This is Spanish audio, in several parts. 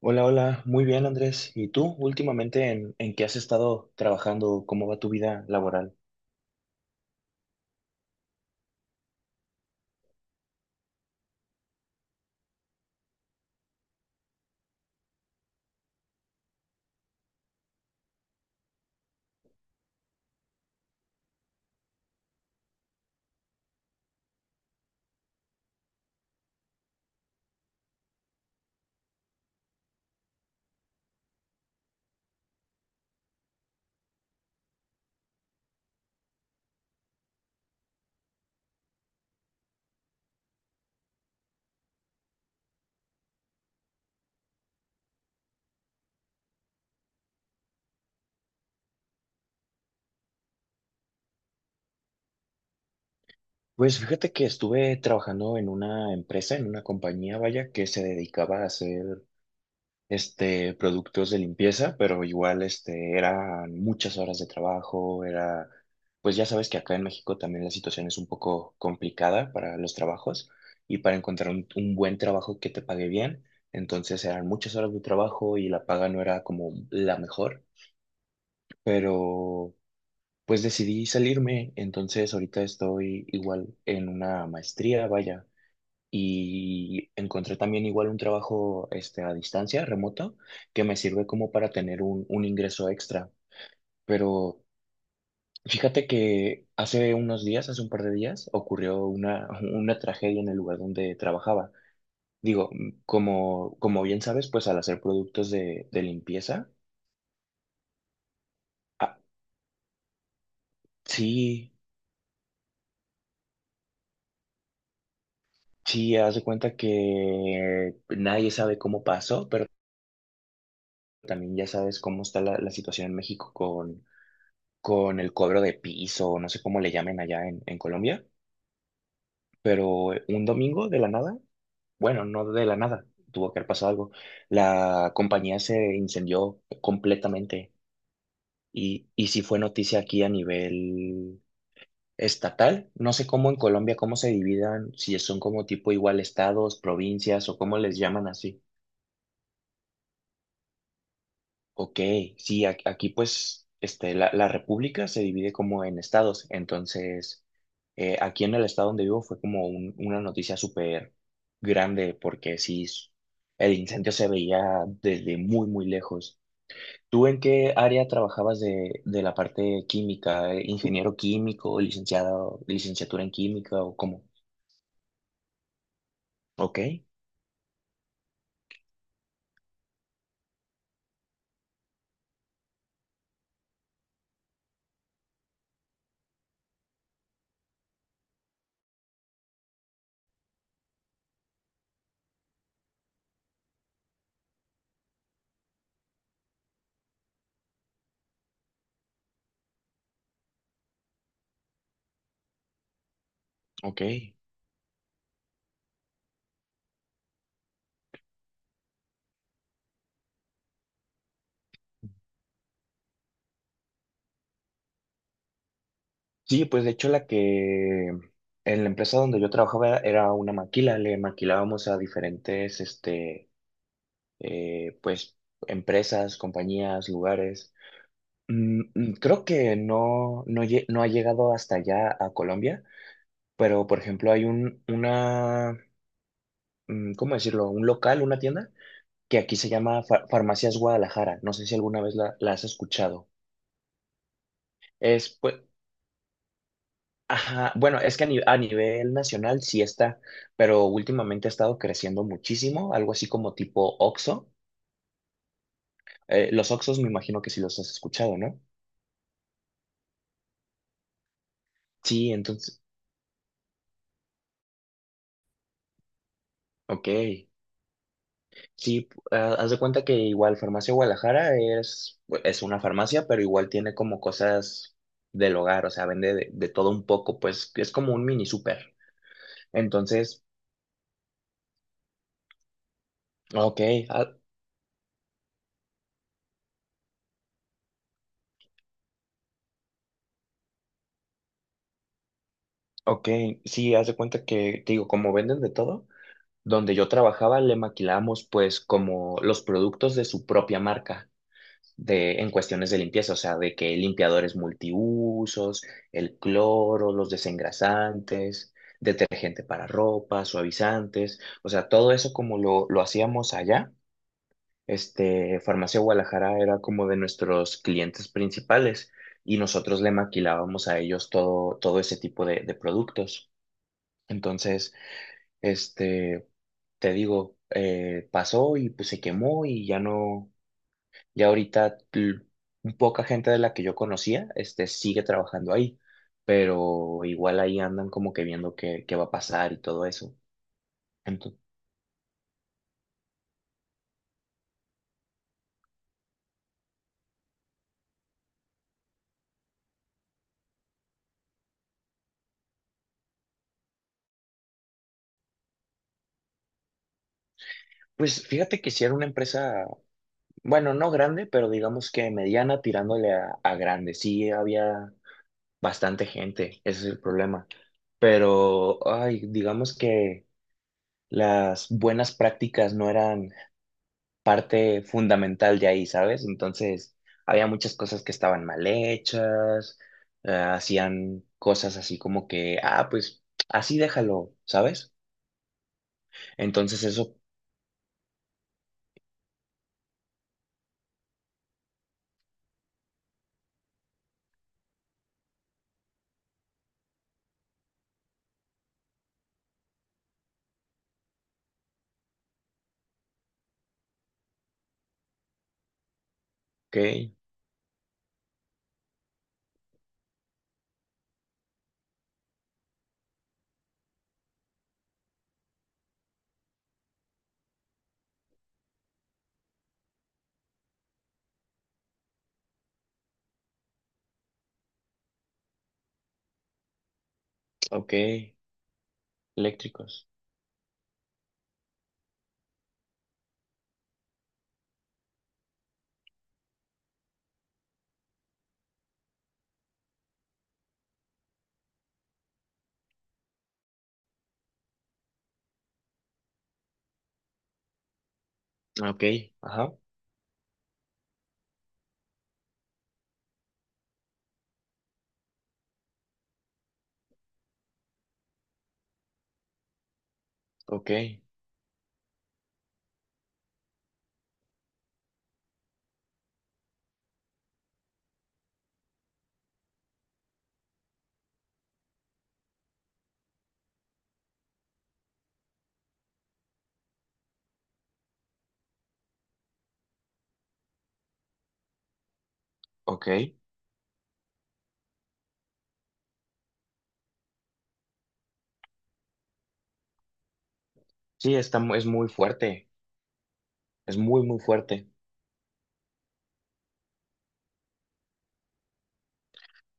Hola, hola, muy bien Andrés. ¿Y tú últimamente en qué has estado trabajando? ¿Cómo va tu vida laboral? Pues fíjate que estuve trabajando en una empresa, en una compañía, vaya, que se dedicaba a hacer productos de limpieza, pero igual eran muchas horas de trabajo, era pues ya sabes que acá en México también la situación es un poco complicada para los trabajos y para encontrar un buen trabajo que te pague bien. Entonces eran muchas horas de trabajo y la paga no era como la mejor. Pero pues decidí salirme, entonces ahorita estoy igual en una maestría, vaya, y encontré también igual un trabajo a distancia, remoto, que me sirve como para tener un ingreso extra, pero fíjate que hace unos días, hace un par de días, ocurrió una, una tragedia en el lugar donde trabajaba. Digo, como bien sabes, pues al hacer productos de limpieza, ah, sí. Sí, haz de cuenta que nadie sabe cómo pasó, pero también ya sabes cómo está la situación en México con el cobro de piso, no sé cómo le llamen allá en Colombia, pero un domingo de la nada, bueno, no de la nada, tuvo que haber pasado algo. La compañía se incendió completamente y sí fue noticia aquí a nivel estatal. No sé cómo en Colombia, cómo se dividan, si son como tipo igual estados, provincias o cómo les llaman así. Ok, sí, aquí pues la república se divide como en estados, entonces aquí en el estado donde vivo fue como una noticia súper grande porque sí, el incendio se veía desde muy, muy lejos. ¿Tú en qué área trabajabas de la parte química? ¿Ingeniero químico, licenciado, licenciatura en química o cómo? Ok, ok. Sí, pues de hecho la que en la empresa donde yo trabajaba era una maquila, le maquilábamos a diferentes, eh, pues, empresas, compañías, lugares. Mm, mm, creo que no, no, no ha llegado hasta allá a Colombia, pero por ejemplo hay un, una, mm, ¿cómo decirlo? Un local, una tienda, que aquí se llama Farmacias Guadalajara. No sé si alguna vez la has escuchado. Es, pues, ajá, bueno, es que a, ni- a nivel nacional sí está, pero últimamente ha estado creciendo muchísimo, algo así como tipo Oxxo. Los Oxxos me imagino que sí los has escuchado, ¿no? Sí, entonces, ok, sí, ah, haz de cuenta que igual Farmacia Guadalajara es una farmacia, pero igual tiene como cosas del hogar, o sea, vende de todo un poco, pues es como un mini súper. Entonces, ok, ah, ok, sí, haz de cuenta que, te digo, como venden de todo. Donde yo trabajaba le maquilábamos pues como los productos de su propia marca de, en cuestiones de limpieza, o sea, de que limpiadores multiusos, el cloro, los desengrasantes, detergente para ropa, suavizantes, o sea, todo eso como lo hacíamos allá. Este, Farmacia Guadalajara era como de nuestros clientes principales y nosotros le maquilábamos a ellos todo, todo ese tipo de productos. Entonces, este te digo, pasó y pues se quemó y ya no, ya ahorita poca gente de la que yo conocía, este, sigue trabajando ahí, pero igual ahí andan como que viendo qué, qué va a pasar y todo eso. Entonces, pues fíjate que si era una empresa, bueno, no grande, pero digamos que mediana tirándole a grande, sí había bastante gente, ese es el problema, pero, ay, digamos que las buenas prácticas no eran parte fundamental de ahí, ¿sabes? Entonces, había muchas cosas que estaban mal hechas, hacían cosas así como que, ah, pues así déjalo, ¿sabes? Entonces eso, ok, ok, eléctricos, ok, ajá, ok, ok. Sí, está, es muy fuerte, es muy, muy fuerte.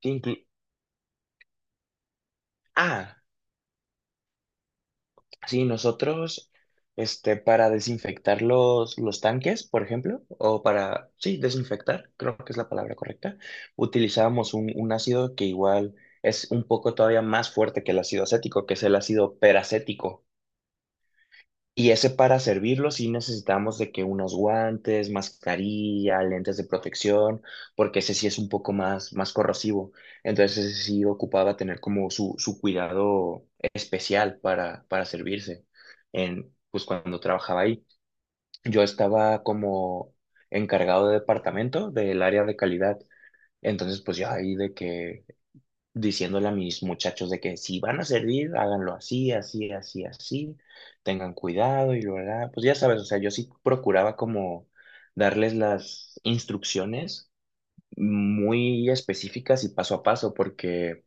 Inclu- ah, sí, nosotros, este, para desinfectar los tanques, por ejemplo, o para, sí, desinfectar, creo que es la palabra correcta, utilizábamos un ácido que igual es un poco todavía más fuerte que el ácido acético, que es el ácido peracético. Y ese para servirlo sí necesitamos de que unos guantes, mascarilla, lentes de protección, porque ese sí es un poco más, más corrosivo. Entonces ese sí ocupaba tener como su cuidado especial para servirse en, pues cuando trabajaba ahí. Yo estaba como encargado de departamento del área de calidad. Entonces pues yo ahí de que diciéndole a mis muchachos de que si van a servir, háganlo así, así, así, así, tengan cuidado y lo hará. Pues ya sabes, o sea, yo sí procuraba como darles las instrucciones muy específicas y paso a paso, porque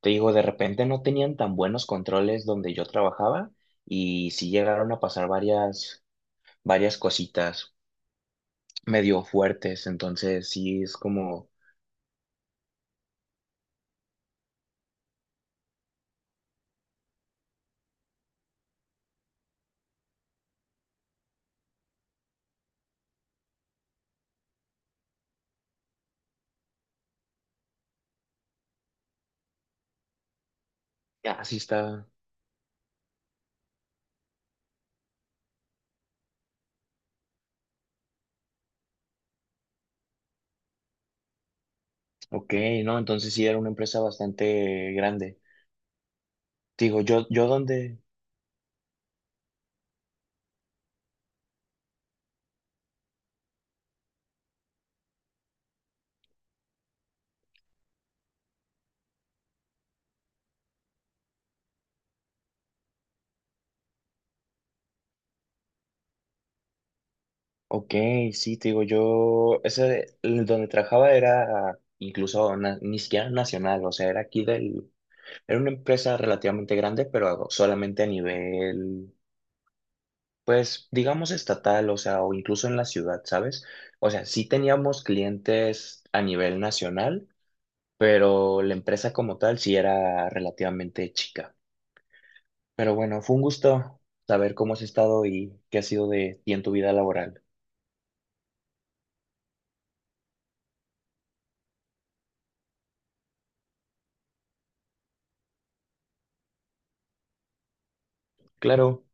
te digo, de repente no tenían tan buenos controles donde yo trabajaba y sí llegaron a pasar varias, varias cositas medio fuertes, entonces sí es como, ah, sí está, ok, ¿no? Entonces sí era una empresa bastante grande. Te digo, yo donde, ok, sí, te digo, yo, ese, el donde trabajaba era incluso ni siquiera nacional, o sea, era aquí del, era una empresa relativamente grande, pero solamente a nivel, pues, digamos estatal, o sea, o incluso en la ciudad, ¿sabes? O sea, sí teníamos clientes a nivel nacional, pero la empresa como tal sí era relativamente chica. Pero bueno, fue un gusto saber cómo has estado y qué ha sido de ti en tu vida laboral. Claro.